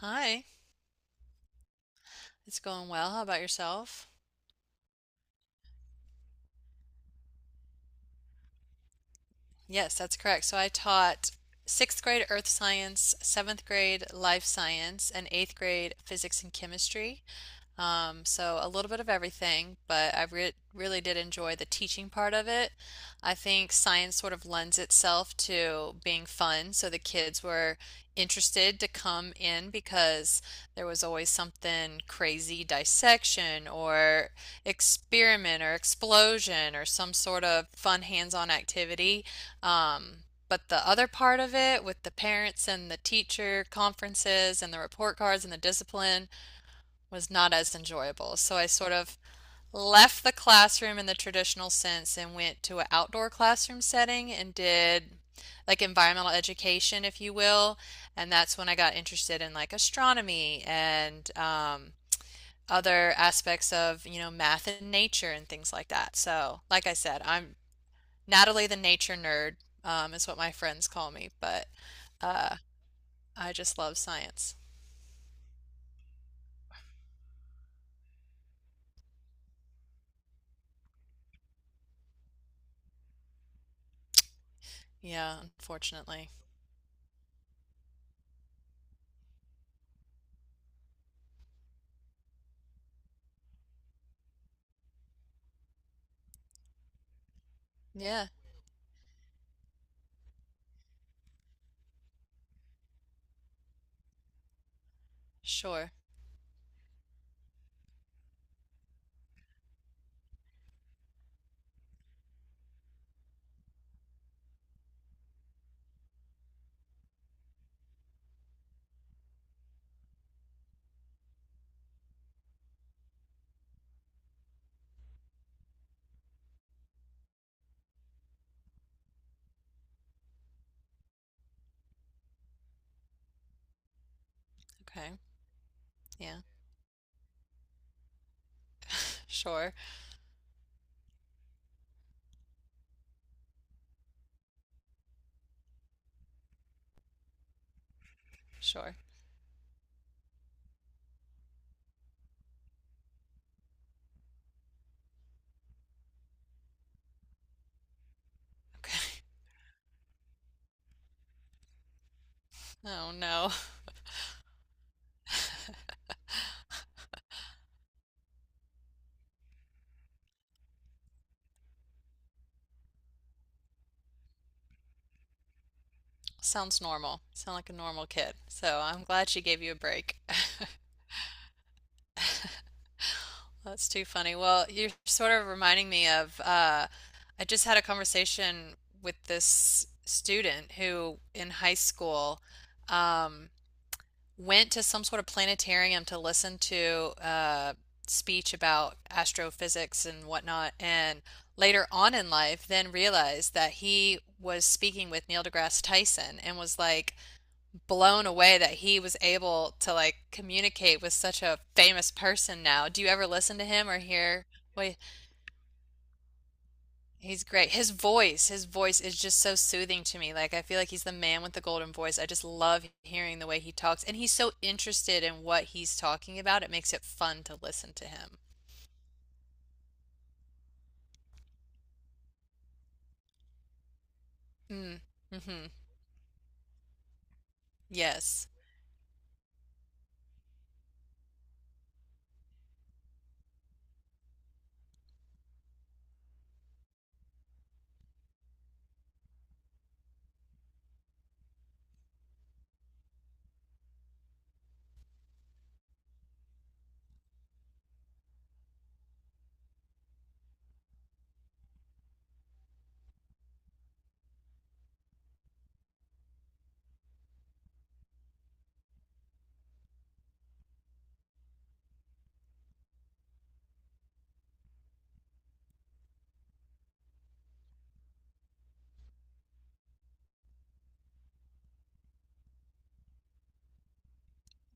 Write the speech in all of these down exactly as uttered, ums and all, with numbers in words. Hi, it's going well. How about yourself? Yes, that's correct. So I taught sixth grade earth science, seventh grade life science, and eighth grade physics and chemistry. Um, so a little bit of everything, but I re really did enjoy the teaching part of it. I think science sort of lends itself to being fun, so the kids were interested to come in because there was always something crazy dissection or experiment or explosion or some sort of fun hands-on activity. Um, But the other part of it with the parents and the teacher conferences and the report cards and the discipline, was not as enjoyable. So I sort of left the classroom in the traditional sense and went to an outdoor classroom setting and did like environmental education, if you will. And that's when I got interested in like astronomy and um, other aspects of, you know, math and nature and things like that. So, like I said, I'm Natalie the nature nerd, um, is what my friends call me, but uh, I just love science. Yeah, unfortunately. Yeah, sure. Okay. Yeah. Sure, sure. Okay. Oh no. Sounds normal. Sound like a normal kid. So I'm glad she gave you a break. That's too funny. Well, you're sort of reminding me of uh, I just had a conversation with this student who in high school um, went to some sort of planetarium to listen to a speech about astrophysics and whatnot, and later on in life, then realized that he was speaking with Neil deGrasse Tyson and was like blown away that he was able to like communicate with such a famous person now. Do you ever listen to him or hear what He's great. His voice, his voice is just so soothing to me. Like I feel like he's the man with the golden voice. I just love hearing the way he talks, and he's so interested in what he's talking about. It makes it fun to listen to him. Mm. Mm-hmm. Yes.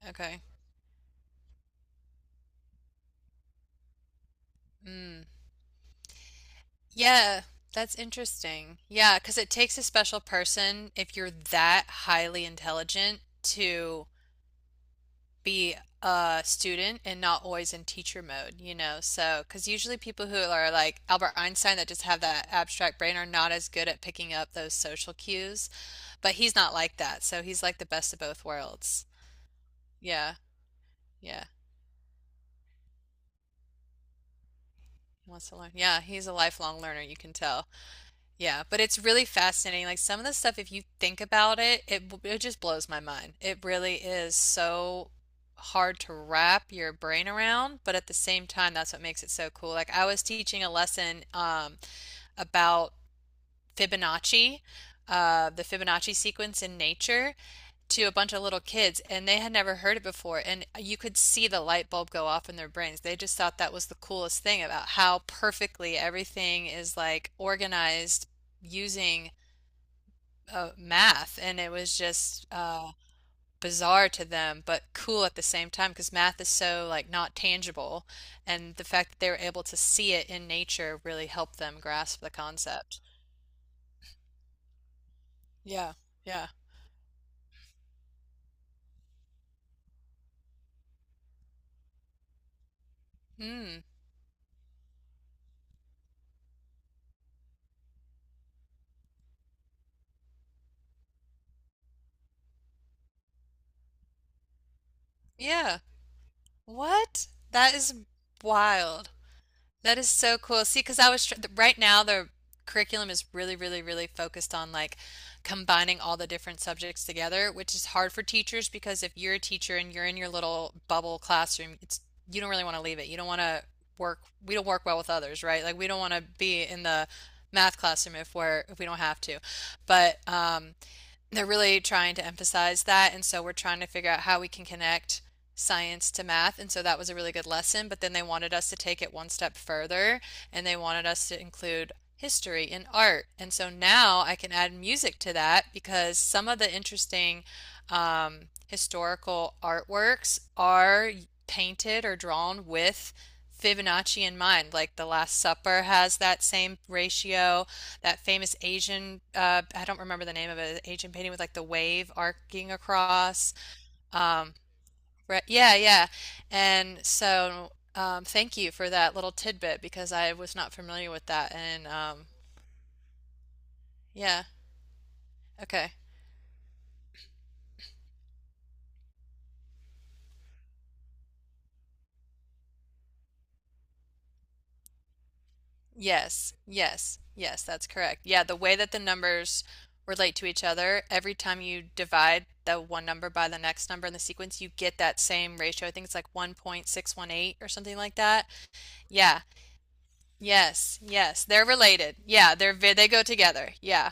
Okay. Mm. Yeah, that's interesting. Yeah, because it takes a special person if you're that highly intelligent to be a student and not always in teacher mode, you know? So, because usually people who are like Albert Einstein that just have that abstract brain are not as good at picking up those social cues, but he's not like that. So he's like the best of both worlds. Yeah, yeah. He wants to learn. Yeah, he's a lifelong learner, you can tell. Yeah, but it's really fascinating. Like some of the stuff, if you think about it, it b- it just blows my mind. It really is so hard to wrap your brain around, but at the same time, that's what makes it so cool. Like I was teaching a lesson um, about Fibonacci, uh, the Fibonacci sequence in nature, to a bunch of little kids, and they had never heard it before. And you could see the light bulb go off in their brains. They just thought that was the coolest thing about how perfectly everything is like organized using uh, math, and it was just uh, bizarre to them, but cool at the same time because math is so like not tangible, and the fact that they were able to see it in nature really helped them grasp the concept. Yeah, yeah. Hmm. Yeah. What? That is wild. That is so cool. See, because I was tr right now the curriculum is really, really, really focused on like combining all the different subjects together, which is hard for teachers because if you're a teacher and you're in your little bubble classroom, it's you don't really want to leave it. You don't want to work. We don't work well with others, right? Like we don't want to be in the math classroom if we're if we don't have to. But um, they're really trying to emphasize that. And so we're trying to figure out how we can connect science to math. And so that was a really good lesson. But then they wanted us to take it one step further and they wanted us to include history and art. And so now I can add music to that because some of the interesting um, historical artworks are painted or drawn with Fibonacci in mind. Like The Last Supper has that same ratio, that famous Asian, uh, I don't remember the name of it, Asian painting with like the wave arcing across. Um, re- yeah, yeah. And so, um, thank you for that little tidbit because I was not familiar with that. And um, yeah, okay. Yes, yes, yes, that's correct. Yeah, the way that the numbers relate to each other, every time you divide the one number by the next number in the sequence, you get that same ratio. I think it's like one point six one eight or something like that. Yeah. Yes, yes, they're related. Yeah, they're ve- they go together. Yeah.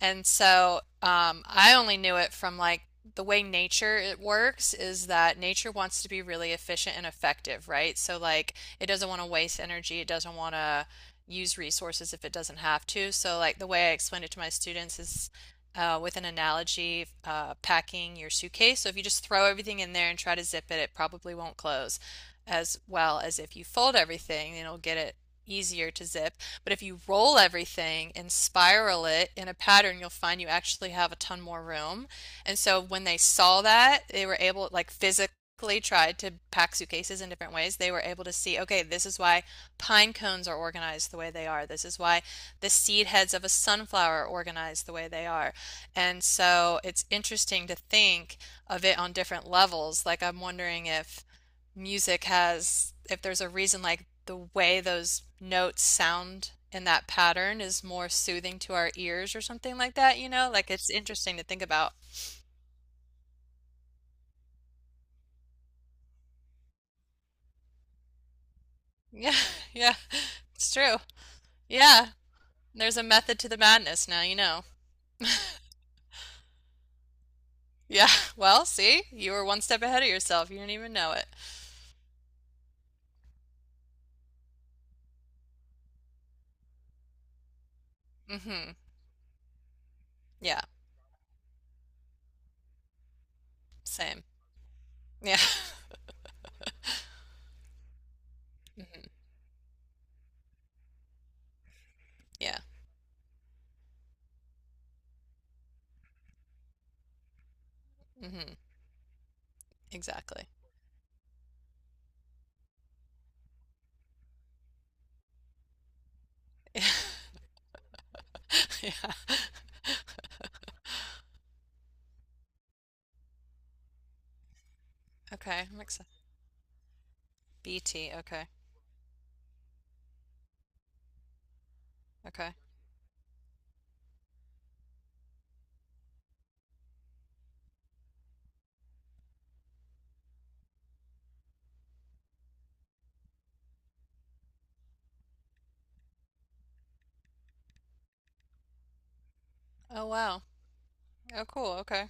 And so um, I only knew it from like the way nature it works is that nature wants to be really efficient and effective, right? So like it doesn't want to waste energy, it doesn't want to use resources if it doesn't have to. So like the way I explain it to my students is uh, with an analogy, uh, packing your suitcase. So if you just throw everything in there and try to zip it, it probably won't close as well as if you fold everything, and it'll get it easier to zip. But if you roll everything and spiral it in a pattern, you'll find you actually have a ton more room. And so when they saw that, they were able, like physically tried to pack suitcases in different ways. They were able to see, okay, this is why pine cones are organized the way they are. This is why the seed heads of a sunflower are organized the way they are. And so it's interesting to think of it on different levels. Like I'm wondering if music has, if there's a reason, like the way those notes sound in that pattern is more soothing to our ears or something like that, you know? Like it's interesting to think about. Yeah, yeah, it's true. Yeah, there's a method to the madness now, you know. Yeah, well, see, you were one step ahead of yourself. You didn't even know it. Mm-hmm. Yeah, same. Yeah. Mm-hmm. Yeah. Mm-hmm. Exactly. Yeah. Okay, I'm excited. B T. Okay. Okay. Oh, wow. Oh, cool. Okay.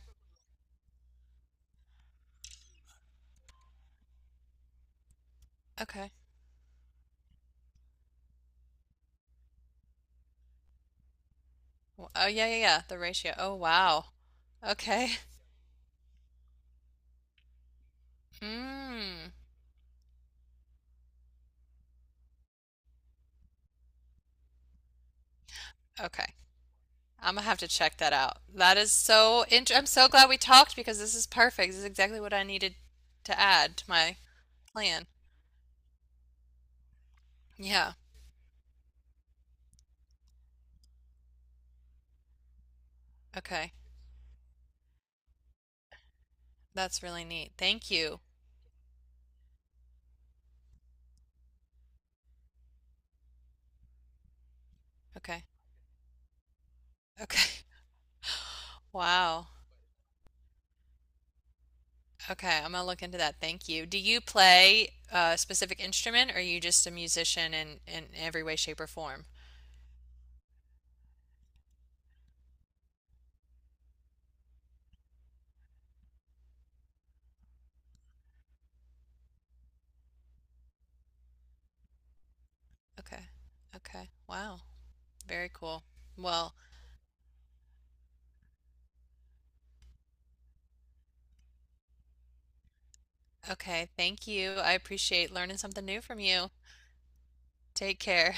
Okay. W- Oh, yeah, yeah, yeah. The ratio. Oh, wow. Okay. Mm. Okay. I'm gonna have to check that out. That is so int- I'm so glad we talked because this is perfect. This is exactly what I needed to add to my plan. Yeah. Okay. That's really neat. Thank you. Okay. Okay. Wow. Okay. I'm gonna look into that. Thank you. Do you play a specific instrument or are you just a musician in in every way, shape, or form? Okay. Okay. Wow. Very cool. Well, okay. Thank you. I appreciate learning something new from you. Take care.